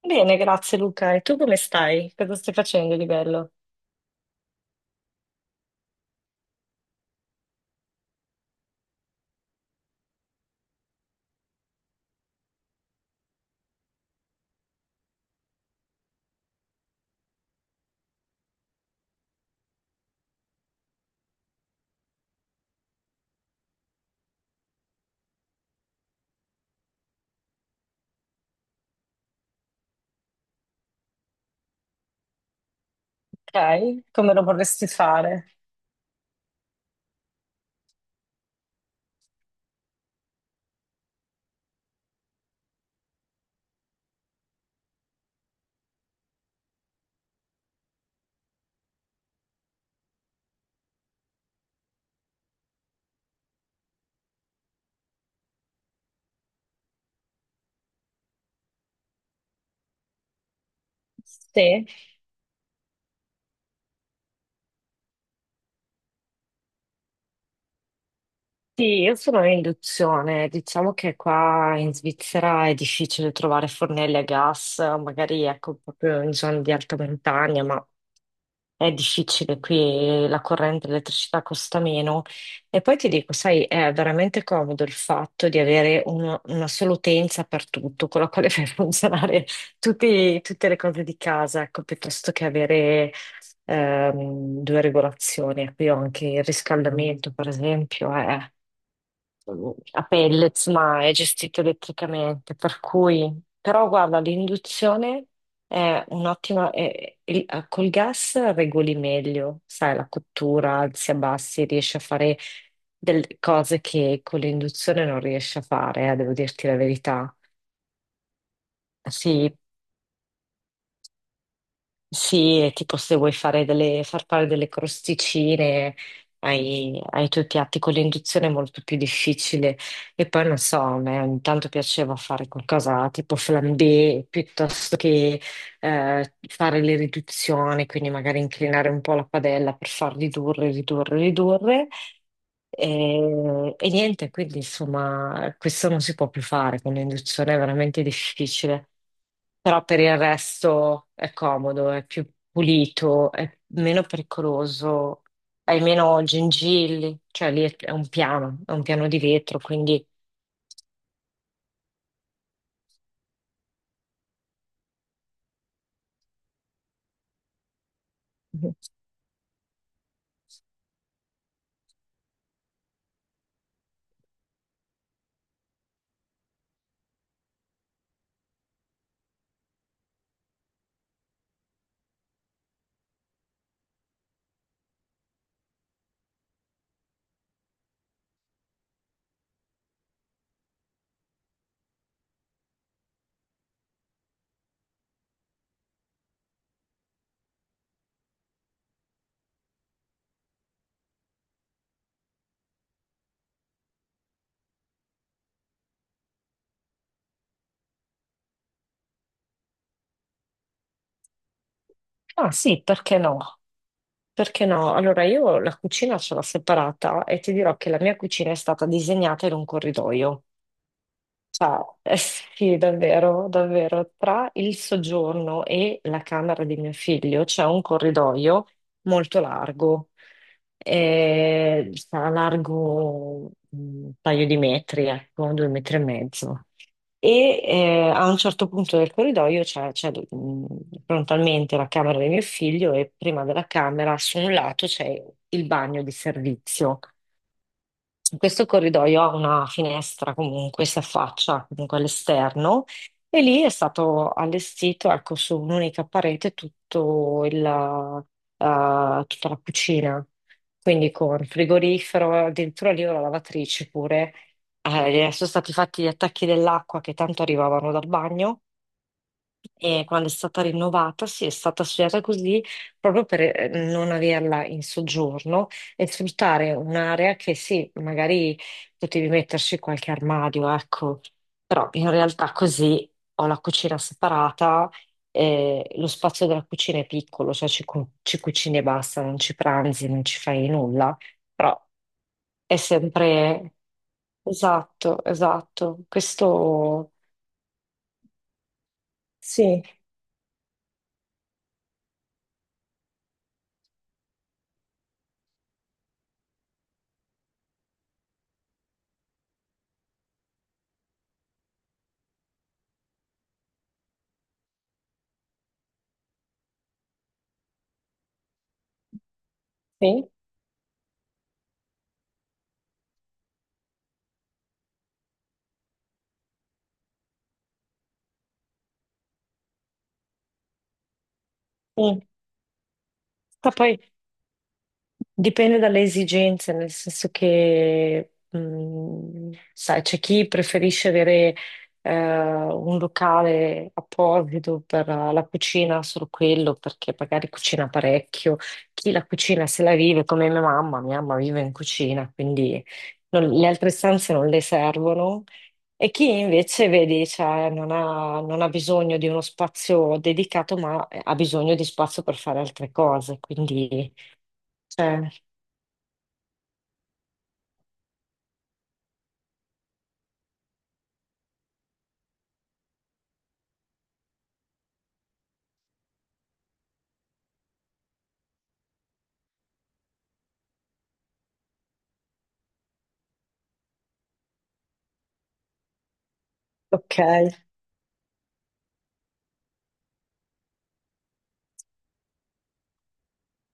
Bene, grazie Luca. E tu come stai? Cosa stai facendo di bello? Ok, come lo vorresti fare? Sì. Sì, io sono in induzione, diciamo che qua in Svizzera è difficile trovare fornelli a gas, magari ecco proprio in zone di alta montagna, ma è difficile qui, la corrente, l'elettricità costa meno. E poi ti dico, sai, è veramente comodo il fatto di avere una sola utenza per tutto, con la quale fai funzionare tutte le cose di casa, ecco, piuttosto che avere due regolazioni. Qui ho anche il riscaldamento, per esempio, a pellets, ma è gestito elettricamente, per cui. Però guarda, l'induzione è un'ottima. Col gas regoli meglio, sai, la cottura, alzi e abbassi, riesci a fare delle cose che con l'induzione non riesci a fare, devo dirti la verità. Sì, sì, è tipo se vuoi far fare delle crosticine ai tuoi piatti con l'induzione è molto più difficile. E poi non so, a me ogni tanto piaceva fare qualcosa tipo flambé piuttosto che fare le riduzioni, quindi magari inclinare un po' la padella per far ridurre, ridurre, ridurre. E niente, quindi insomma, questo non si può più fare con l'induzione, è veramente difficile, però per il resto è comodo, è più pulito, è meno pericoloso, hai meno gengilli, cioè lì è un piano, è un piano di vetro, quindi. Mhm. Ah sì, perché no? Perché no? Allora io la cucina ce l'ho separata e ti dirò che la mia cucina è stata disegnata in un corridoio. Ciao. Eh sì, davvero, davvero. Tra il soggiorno e la camera di mio figlio c'è un corridoio molto largo, sarà largo un paio di metri, ecco, 2,5 metri. E a un certo punto del corridoio c'è frontalmente la camera di mio figlio e prima della camera su un lato c'è il bagno di servizio. Questo corridoio ha una finestra comunque, si affaccia comunque all'esterno e lì è stato allestito, ecco, su un'unica parete tutta la cucina, quindi con frigorifero, addirittura lì ho la lavatrice pure. Sono stati fatti gli attacchi dell'acqua che tanto arrivavano dal bagno e quando è stata rinnovata, sì, è stata studiata così proprio per non averla in soggiorno e sfruttare un'area che sì, magari potevi metterci qualche armadio, ecco, però in realtà così ho la cucina separata. Lo spazio della cucina è piccolo, cioè ci cucini e basta, non ci pranzi, non ci fai nulla, però è sempre, esatto, esatto. Questo sì, sì. Mm. Ma poi dipende dalle esigenze, nel senso che, sai, c'è chi preferisce avere un locale apposito per la cucina, solo quello, perché magari cucina parecchio. Chi la cucina se la vive, come mia mamma vive in cucina, quindi le altre stanze non le servono. E chi invece, vedi, cioè, non ha bisogno di uno spazio dedicato, ma ha bisogno di spazio per fare altre cose, quindi. Cioè. Ok,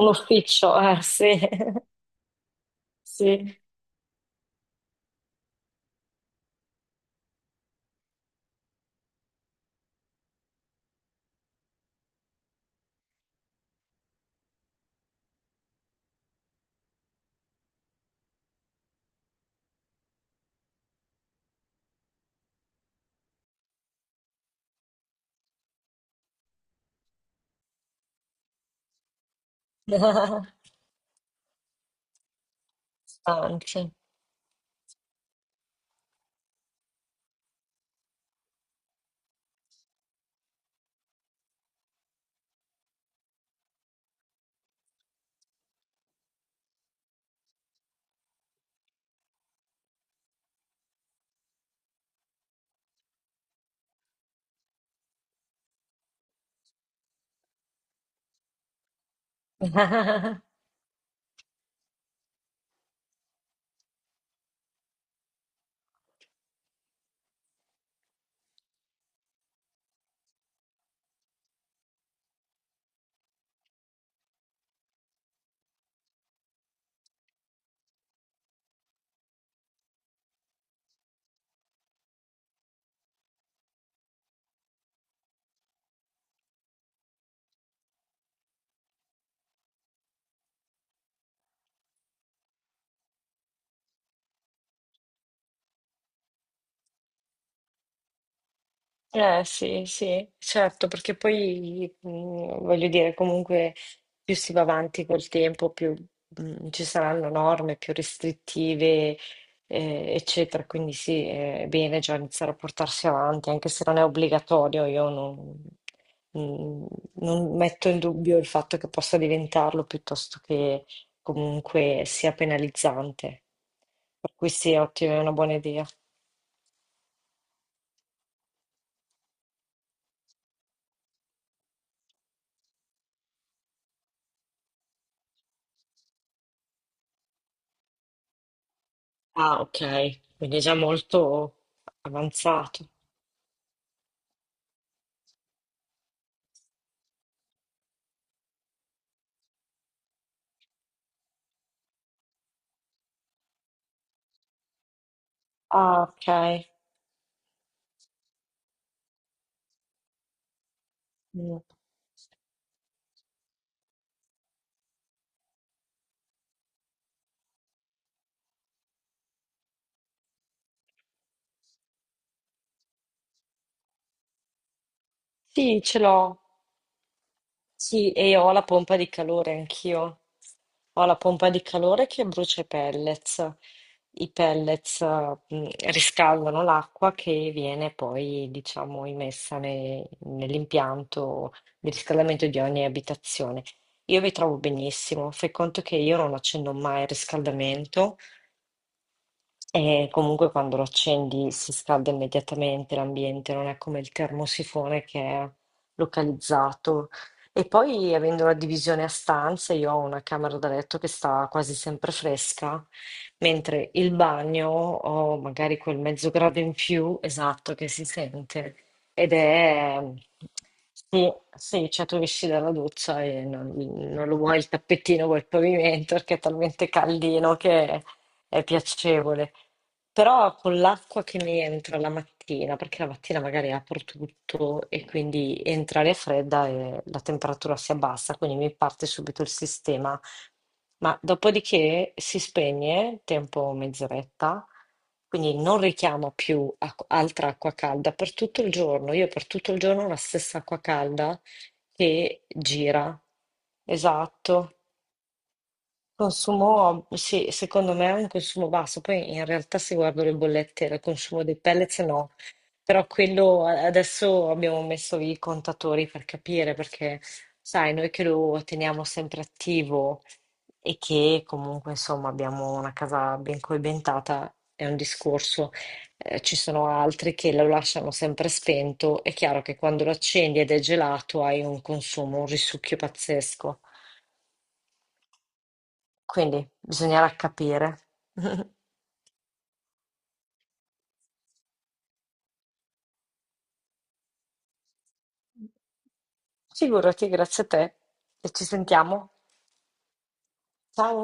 un ufficio, sì, sì, anche. Eh sì, sì, certo, perché poi voglio dire, comunque più si va avanti col tempo, più ci saranno norme più restrittive, eccetera. Quindi sì, è bene già iniziare a portarsi avanti, anche se non è obbligatorio, io mh, non metto in dubbio il fatto che possa diventarlo, piuttosto che comunque sia penalizzante. Per cui sì, è ottima, è una buona idea. Ah, ok, quindi è già molto avanzato. Ah, ok. Mm. Sì, ce l'ho. Sì, e ho la pompa di calore anch'io. Ho la pompa di calore che brucia i pellets. I pellets, riscaldano l'acqua che viene poi, diciamo, immessa nell'impianto di riscaldamento di ogni abitazione. Io mi trovo benissimo. Fai conto che io non accendo mai il riscaldamento. E comunque quando lo accendi si scalda immediatamente l'ambiente, non è come il termosifone che è localizzato. E poi avendo la divisione a stanze, io ho una camera da letto che sta quasi sempre fresca, mentre il bagno ho magari quel mezzo grado in più, esatto, che si sente. Ed è. Sì, sì, cioè tu esci dalla doccia e non lo vuoi il tappetino, vuoi il pavimento perché è talmente caldino che è piacevole. Però con l'acqua che mi entra la mattina, perché la mattina magari apro tutto e quindi entra l'aria fredda e la temperatura si abbassa, quindi mi parte subito il sistema. Ma dopodiché si spegne, tempo mezz'oretta, quindi non richiamo più altra acqua calda per tutto il giorno. Io per tutto il giorno ho la stessa acqua calda che gira. Esatto. Consumo, sì, secondo me è un consumo basso. Poi in realtà se guardo le bollette del consumo dei pellets no, però quello adesso abbiamo messo i contatori per capire, perché sai, noi che lo teniamo sempre attivo e che comunque insomma abbiamo una casa ben coibentata è un discorso. Ci sono altri che lo lasciano sempre spento. È chiaro che quando lo accendi ed è gelato hai un consumo, un risucchio pazzesco. Quindi bisognerà capire. Figurati, grazie a te e ci sentiamo. Ciao.